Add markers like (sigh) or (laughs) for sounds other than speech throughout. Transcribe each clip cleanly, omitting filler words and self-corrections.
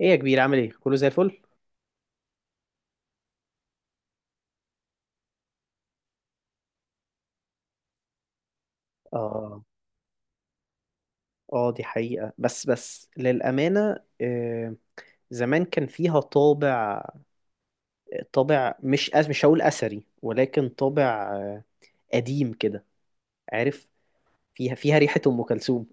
ايه يا كبير، عامل ايه؟ كله زي الفل. اه اه، دي حقيقة. بس للأمانة، زمان كان فيها طابع، طابع مش هقول أثري، ولكن طابع قديم كده، عارف، فيها ريحة أم كلثوم.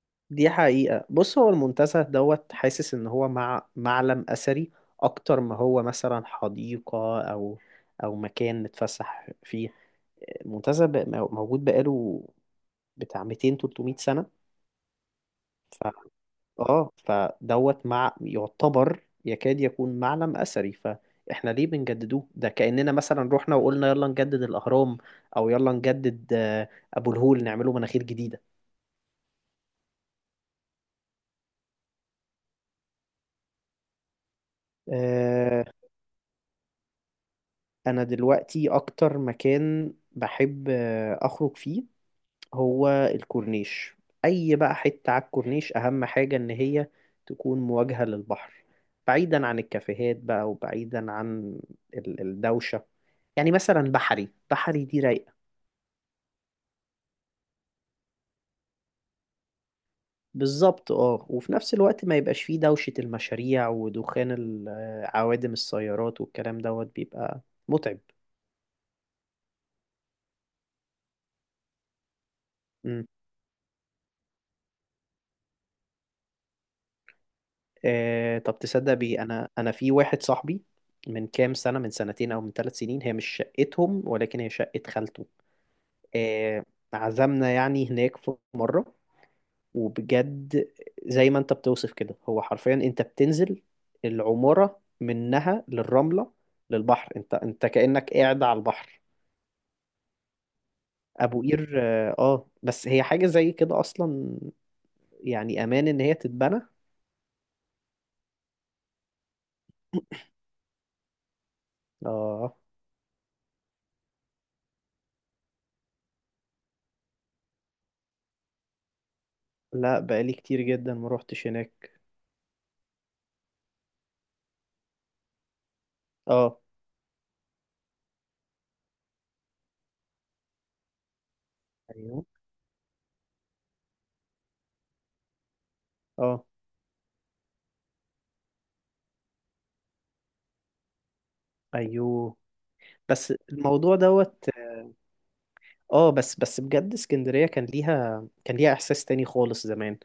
(laughs) دي حقيقة. بص، هو المنتزه دوت حاسس إن هو معلم أثري أكتر ما هو مثلا حديقة أو مكان نتفسح فيه. موجود بقاله بتاع 200 300 سنة. اه، فدوت مع يعتبر يكاد يكون معلم أثري، فاحنا ليه بنجددوه؟ ده كأننا مثلا رحنا وقلنا يلا نجدد الأهرام، او يلا نجدد أبو الهول، نعمله مناخير جديدة. آه، انا دلوقتي اكتر مكان بحب اخرج فيه هو الكورنيش. اي بقى حتة على الكورنيش، اهم حاجة ان هي تكون مواجهة للبحر، بعيدا عن الكافيهات بقى، وبعيدا عن الدوشة. يعني مثلا بحري، بحري دي رايقة بالظبط. اه، وفي نفس الوقت ما يبقاش فيه دوشة المشاريع ودخان عوادم السيارات، والكلام دوت بيبقى متعب. مم. آه، طب تصدق بي؟ انا في واحد صاحبي من كام سنة، من سنتين او من ثلاث سنين. هي مش شقتهم، ولكن هي شقة خالته. آه، عزمنا يعني هناك في مرة، وبجد زي ما انت بتوصف كده. هو حرفيا انت بتنزل العمارة منها للرملة، للبحر. انت كأنك قاعد على البحر. ابو قير، اه بس هي حاجة زي كده اصلا. يعني امان ان هي تتبنى، اه. آه، لا، بقالي كتير جدا ما روحتش هناك. اه. ايوه. اه. ايوه. بس الموضوع دوت. اه، بس بجد، اسكندرية كان ليها احساس تاني خالص زمان.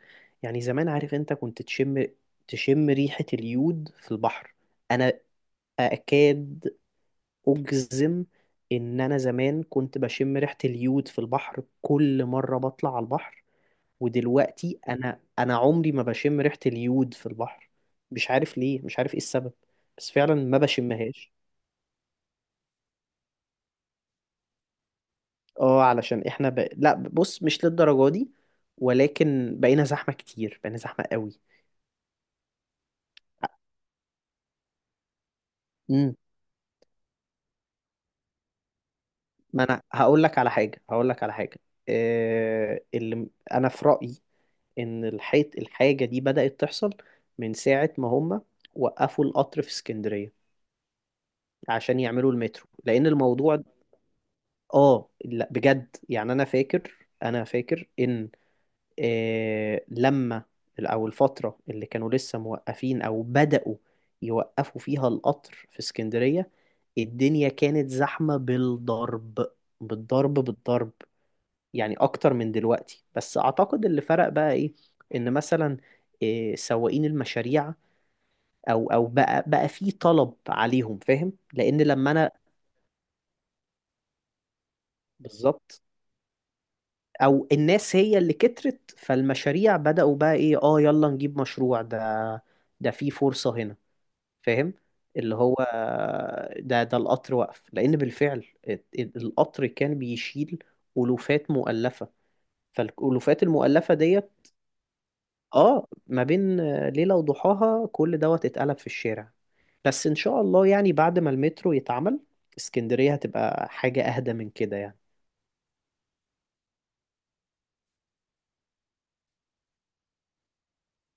يعني زمان، عارف، انت كنت تشم، تشم ريحة اليود في البحر. انا اكاد اجزم ان انا زمان كنت بشم ريحة اليود في البحر كل مرة بطلع على البحر. ودلوقتي انا عمري ما بشم ريحة اليود في البحر. مش عارف ليه، مش عارف ايه السبب، بس فعلا ما بشمهاش. اه، لا، بص، مش للدرجة دي، ولكن بقينا زحمة كتير، بقينا زحمة قوي. امم. ما انا هقول لك على حاجة، هقول لك على حاجة. اللي انا في رأيي ان الحاجة دي بدأت تحصل من ساعة ما هم وقفوا القطر في اسكندرية عشان يعملوا المترو، لان الموضوع. اه، لا بجد، يعني انا فاكر ان لما، او الفتره اللي كانوا لسه موقفين او بداوا يوقفوا فيها القطر في اسكندريه، الدنيا كانت زحمه بالضرب، بالضرب بالضرب، يعني اكتر من دلوقتي. بس اعتقد اللي فرق بقى ايه، ان مثلا إيه، سواقين المشاريع او او بقى في طلب عليهم، فاهم، لان لما انا. بالظبط. او الناس هي اللي كترت، فالمشاريع بدأوا بقى ايه، اه يلا نجيب مشروع ده، ده في فرصة هنا، فاهم. اللي هو ده القطر وقف لأن بالفعل القطر كان بيشيل ألوفات مؤلفة، فالألوفات المؤلفة ديت، اه، ما بين ليلة وضحاها كل دوت اتقلب في الشارع. بس إن شاء الله يعني بعد ما المترو يتعمل اسكندرية هتبقى حاجة أهدى من كده يعني.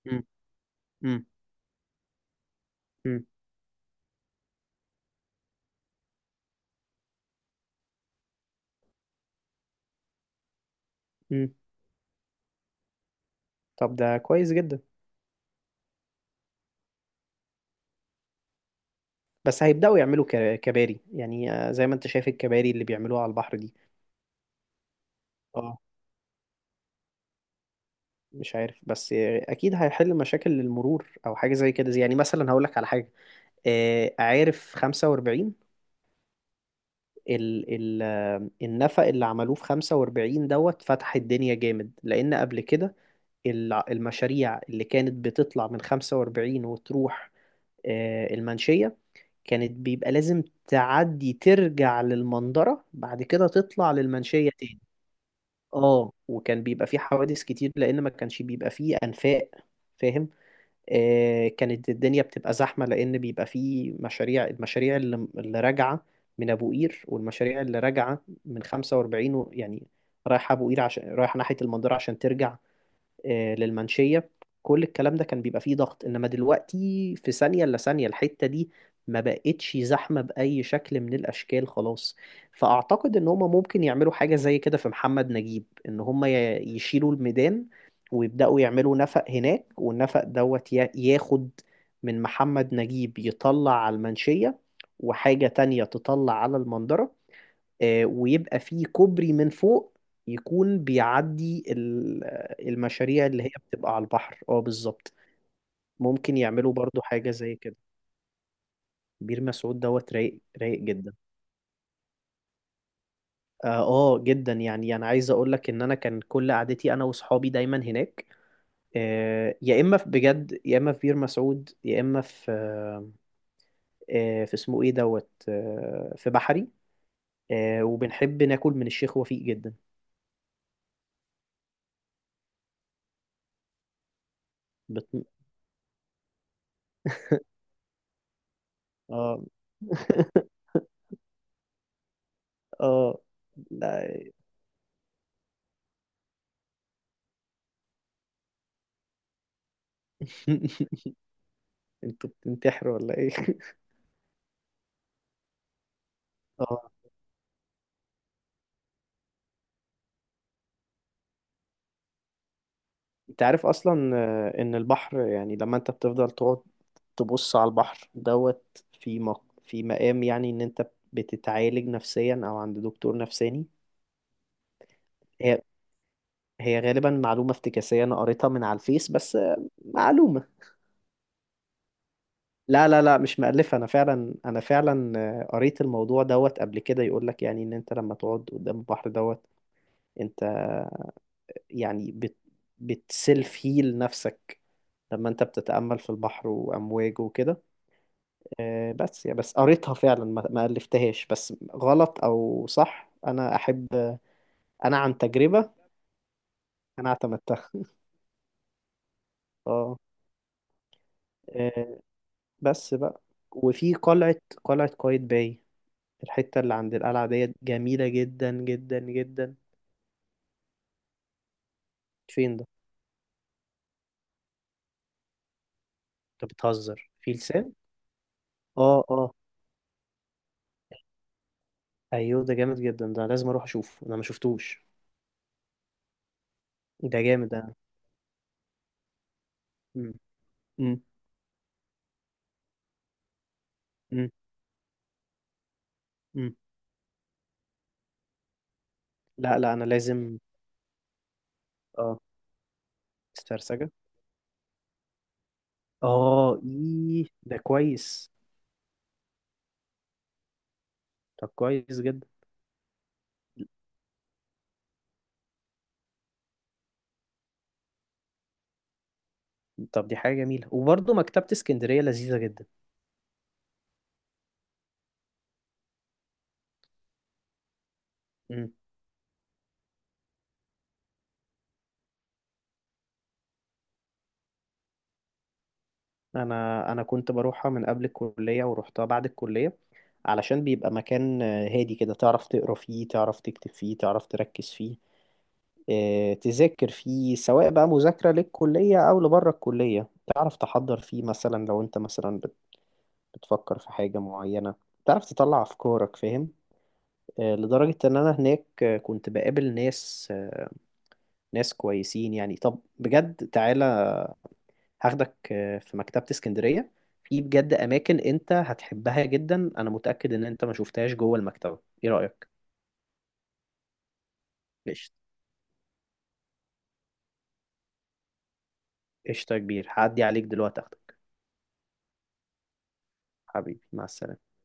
مم. مم. مم. مم. طب ده كويس جدا. بس هيبدأوا يعملوا كباري يعني، زي ما انت شايف الكباري اللي بيعملوها على البحر دي. اه، مش عارف، بس اكيد هيحل مشاكل المرور او حاجه زي كده. يعني مثلا هقول لك على حاجه، عارف 45، ال ال آه، النفق اللي عملوه في 45 دوت فتح الدنيا جامد. لان قبل كده المشاريع اللي كانت بتطلع من 45 وتروح المنشيه، كانت بيبقى لازم تعدي ترجع للمنظره، بعد كده تطلع للمنشيه تاني. اه، وكان بيبقى فيه حوادث كتير لان ما كانش بيبقى فيه انفاق، فاهم. كانت الدنيا بتبقى زحمة لأن بيبقى فيه مشاريع، المشاريع اللي راجعة من أبو قير، والمشاريع اللي راجعة من 45 و- يعني رايحة أبو قير، عشان رايحة ناحية المنظرة عشان ترجع للمنشية. كل الكلام ده كان بيبقى فيه ضغط، انما دلوقتي في ثانية الا ثانية الحتة دي ما بقتش زحمة بأي شكل من الأشكال، خلاص. فأعتقد ان هما ممكن يعملوا حاجة زي كده في محمد نجيب، ان هما يشيلوا الميدان ويبدأوا يعملوا نفق هناك، والنفق دوت ياخد من محمد نجيب يطلع على المنشية، وحاجة تانية تطلع على المندرة. ويبقى فيه كوبري من فوق يكون بيعدي المشاريع اللي هي بتبقى على البحر. اه بالظبط. ممكن يعملوا برضو حاجة زي كده. بير مسعود دوت رايق، رايق جدا. اه، جدا يعني. انا عايز اقول لك ان انا كان كل قعدتي انا واصحابي دايما هناك، يا اما في بجد، يا اما في بير مسعود، يا اما في في اسمه ايه دوت، في بحري. وبنحب ناكل من الشيخ وفيق جدا. بت... اه. (laughs) اه، لا. (laughs) انتوا بتنتحروا ولا ايه؟ (laughs) اه. انت عارف اصلا ان البحر، يعني لما انت بتفضل تقعد تبص على البحر دوت، في في مقام يعني ان انت بتتعالج نفسيا او عند دكتور نفساني. هي هي غالبا معلومة افتكاسية، انا قريتها من على الفيس بس، معلومة. لا لا لا، مش مألفة. انا فعلا قريت الموضوع دوت قبل كده. يقول لك يعني ان انت لما تقعد قدام البحر دوت انت، يعني بتسيلف هيل نفسك لما انت بتتأمل في البحر وأمواجه وكده. بس يا بس قريتها فعلا، ما ألفتهاش. بس غلط أو صح أنا أحب. أنا عن تجربة. أنا اعتمدتها. (laughs) اه. آه، بس بقى. وفي قلعة، قلعة قايتباي، الحتة اللي عند القلعة ديت جميلة جدا جدا جدا. فين ده؟ أنت بتهزر في لسان؟ اه اه. أيوه ده جامد جدا، ده لازم أروح أشوفه، أنا ما شفتوش. ده جامد ده. مم. مم. مم. مم. لا لا، أنا لازم. اه. استرسجة. اه، ايه ده كويس. طب كويس جدا. طب دي حاجة جميلة. وبرضه مكتبة اسكندرية لذيذة جدا. مم. انا كنت بروحها من قبل الكلية، ورحتها بعد الكلية علشان بيبقى مكان هادي كده، تعرف تقرا فيه، تعرف تكتب فيه، تعرف تركز فيه، تذاكر فيه سواء بقى مذاكرة للكلية او لبره الكلية. تعرف تحضر فيه مثلا لو انت مثلا بتفكر في حاجة معينة، تعرف تطلع افكارك، فاهم. لدرجة ان انا هناك كنت بقابل ناس، ناس كويسين يعني. طب بجد تعالى، هاخدك في مكتبة اسكندرية، في بجد أماكن أنت هتحبها جدا، أنا متأكد إن أنت ما شفتهاش جوه المكتبة. إيه رأيك؟ قشطة، قشطة يا كبير، هعدي عليك دلوقتي أخدك. حبيبي، مع السلامة.